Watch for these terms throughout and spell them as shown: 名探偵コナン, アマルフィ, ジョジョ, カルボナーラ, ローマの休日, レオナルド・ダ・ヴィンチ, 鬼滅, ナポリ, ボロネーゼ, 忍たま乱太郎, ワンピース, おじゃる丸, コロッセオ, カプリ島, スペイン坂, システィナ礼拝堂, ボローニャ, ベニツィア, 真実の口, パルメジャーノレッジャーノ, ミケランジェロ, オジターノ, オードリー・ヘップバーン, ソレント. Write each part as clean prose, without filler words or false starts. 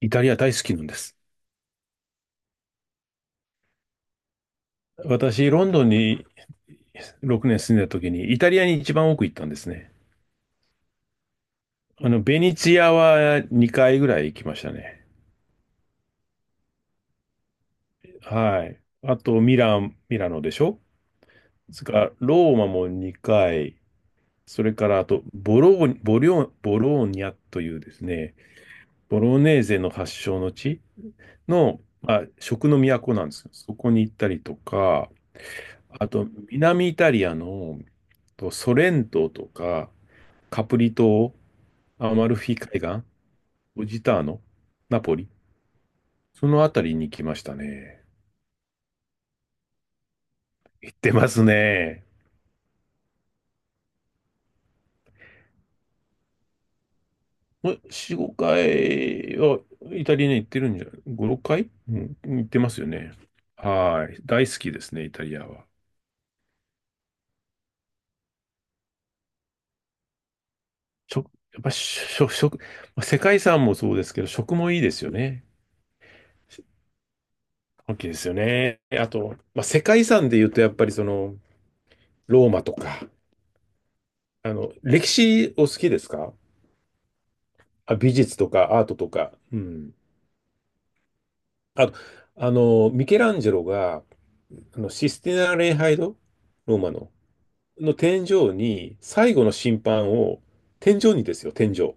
イタリア大好きなんです。私、ロンドンに6年住んでた時に、イタリアに一番多く行ったんですね。ベニツィアは2回ぐらい行きましたね。はい。あと、ミラノでしょ。それから、ローマも2回。それから、あと、ボローニャというですね、ボロネーゼの発祥の地の、まあ、食の都なんですよ。そこに行ったりとか、あと、南イタリアのとソレントとか、カプリ島、アマルフィ海岸、オジターノ、ナポリ、そのあたりに来ましたね。行ってますね。4、5回はイタリアに行ってるんじゃ、5、6回、うん、行ってますよね。はい。大好きですね、イタリアは。食、やっぱ食、食、世界遺産もそうですけど、食もいいですよね。大きいですよね。あと、まあ、世界遺産で言うと、やっぱりその、ローマとか、歴史お好きですか？あ、美術とかアートとか。うん。あと、ミケランジェロが、システィナ礼拝堂、ローマの天井に、最後の審判を、天井にですよ、天井。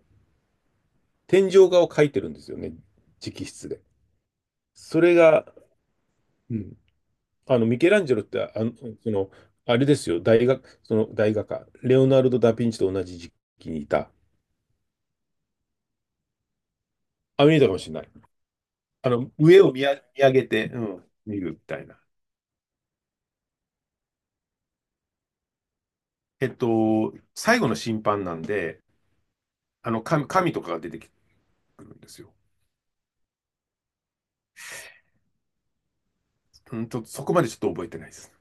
天井画を描いてるんですよね、直筆で。それが、うん、ミケランジェロって、その、あれですよ、その大画家、レオナルド・ダ・ヴィンチと同じ時期にいた。あ、見えたかもしれない。上を見上げて、うん、見るみたいな。最後の審判なんで、神とかが出てくるんですよ。うん、ちょっとそこまでちょっと覚えてないです。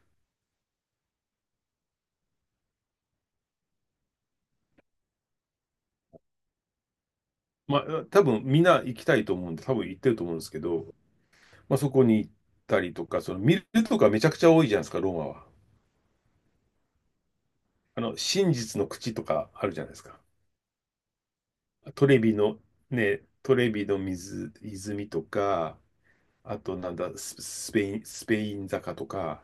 まあ、多分みんな行きたいと思うんで、多分行ってると思うんですけど、まあ、そこに行ったりとか、その見るとかめちゃくちゃ多いじゃないですか、ローマは。真実の口とかあるじゃないですか。トレビの、ね、トレビの水、泉とか、あとなんだ、スペイン坂とか、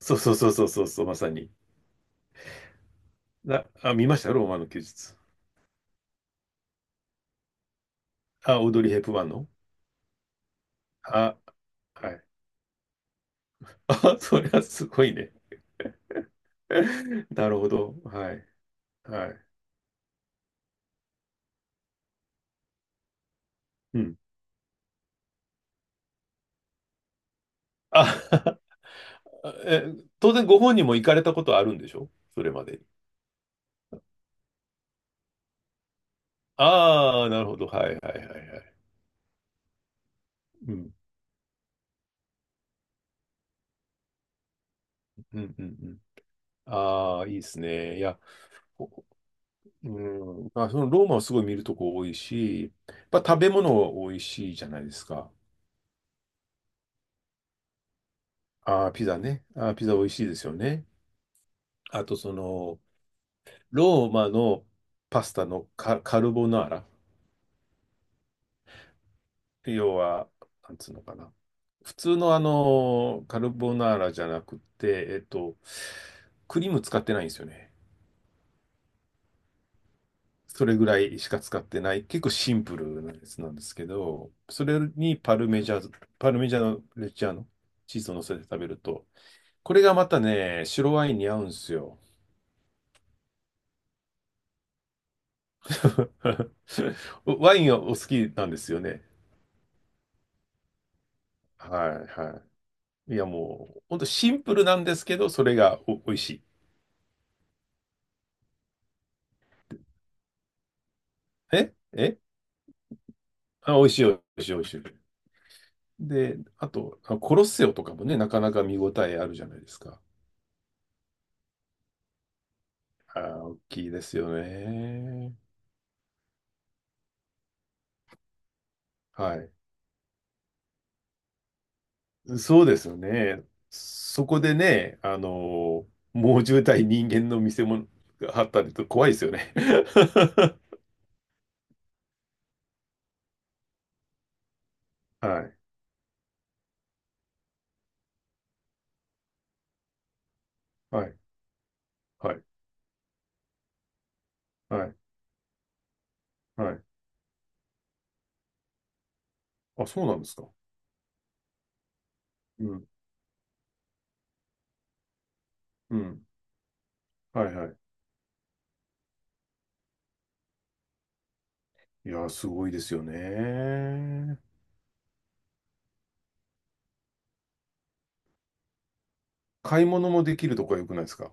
そうそうそうそうそうそう、まさに。あ、見ましたよローマの休日。あ、オードリー・ヘップバーンの。あ、はい。あ、それはすごいね。なるほど。はい。はい。うん。あ、え、当然ご本人も行かれたことあるんでしょ、それまでに？ああ、なるほど。はいはいはいはい。うん。うんうんうん。ああ、いいですね。いや、ほうん。まあ、そのローマはすごい見るとこ多いし、まあ、食べ物多いしいじゃないですか。ああ、ピザね。ああ、ピザ美味しいですよね。あと、その、ローマのパスタのカルボナーラ。要は、なんつうのかな。普通のカルボナーラじゃなくて、クリーム使ってないんですよね。それぐらいしか使ってない、結構シンプルなやつなんですけど、それにパルメジャーノレッジャーノ、チーズを乗せて食べると、これがまたね、白ワインに合うんですよ。ワインはお好きなんですよね。はいはい。いや、もう、ほんとシンプルなんですけど、それが美味しい。ええ美味しい、美味しい、美味しい。で、あと、コロッセオとかもね、なかなか見応えあるじゃないですか。大きいですよね。はい。そうですよね。そこでね、猛獣対人間の見せ物があったりと怖いですよね。はい、はい、はい、はい、はい。あ、そうなんですか。うん、うん。はい、はい。いやー、すごいですよね。買い物もできるとこが良くないですか？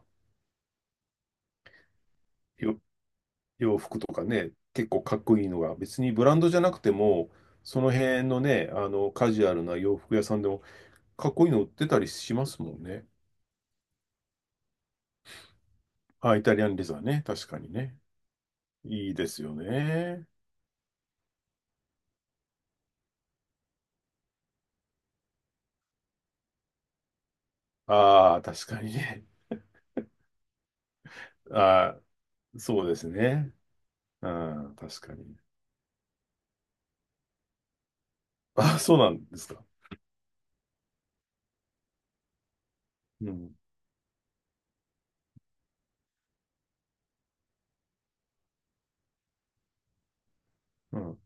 よ、洋服とかね、結構かっこいいのが、別にブランドじゃなくても、その辺のね、カジュアルな洋服屋さんでも、かっこいいの売ってたりしますもんね。あ、イタリアンレザーね、確かにね。いいですよね。ああ、確かにね。ああ、そうですね。うん、確かに。ああ、そうなんですか。うん、うん。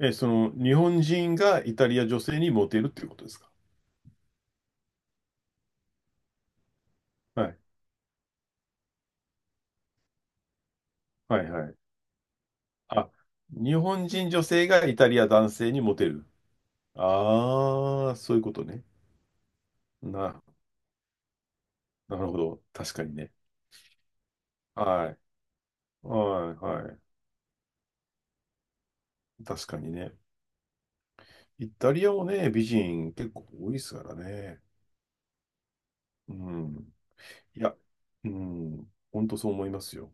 え、その、日本人がイタリア女性にモテるっていうことですか？はい、はい、はい。あ、日本人女性がイタリア男性にモテる。ああ、そういうことね。な、なるほど。確かにね。はい。はい、はい。確かにね。イタリアもね、美人結構多いですからね。うん。いや、うん。本当そう思いますよ。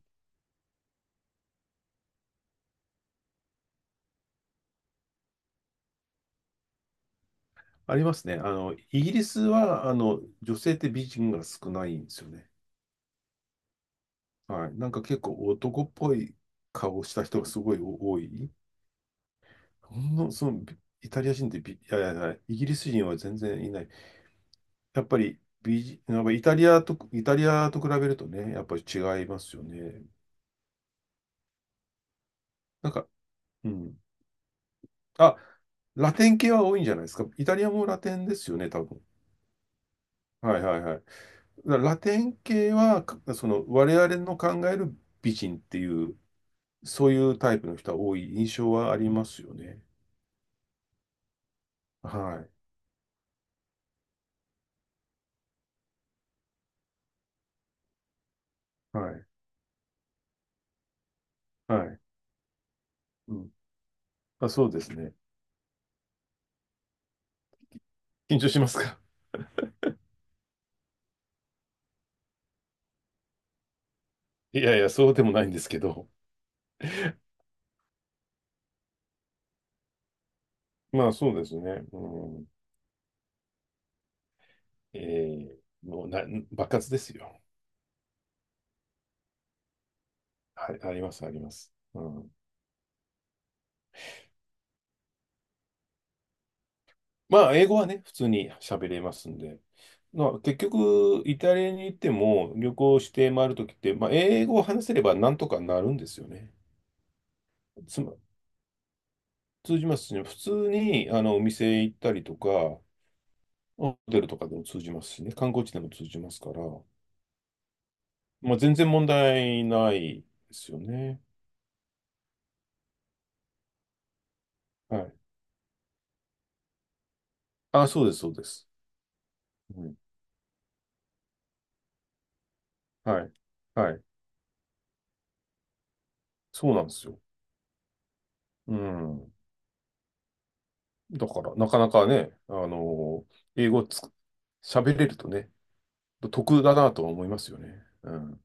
ありますね。イギリスは、女性って美人が少ないんですよね。はい。なんか結構男っぽい顔した人がすごい多い。ほんの、その、ビイタリア人ってビいやいやいや、イギリス人は全然いない。やっぱり、ビジやっぱイタリアと、イタリアと比べるとね、やっぱり違いますよね。なんか、うん。あ、ラテン系は多いんじゃないですか。イタリアもラテンですよね、多分。はいはいはい。だからラテン系は、かその、我々の考える美人っていう、そういうタイプの人は多い印象はありますよね。はい、はい、はい。うん。あ、そうですね。緊張しますか？ いやいや、そうでもないんですけど。まあそうですね。うん、えーもう爆発ですよ。はい、あります、あります。うん、まあ、英語はね、普通に喋れますんで。まあ、結局、イタリアに行っても、旅行して回るときって、まあ、英語を話せればなんとかなるんですよね。つま、通じますしね、普通にお店行ったりとか、ホテルとかでも通じますしね、観光地でも通じますから、まあ、全然問題ないですよね。はい。あ、そうです、そうです。うんはい。はい。そうなんですよ。うん。だから、なかなかね、英語喋れるとね、得だなとは思いますよね。うん。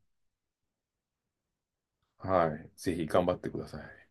はい。ぜひ頑張ってください。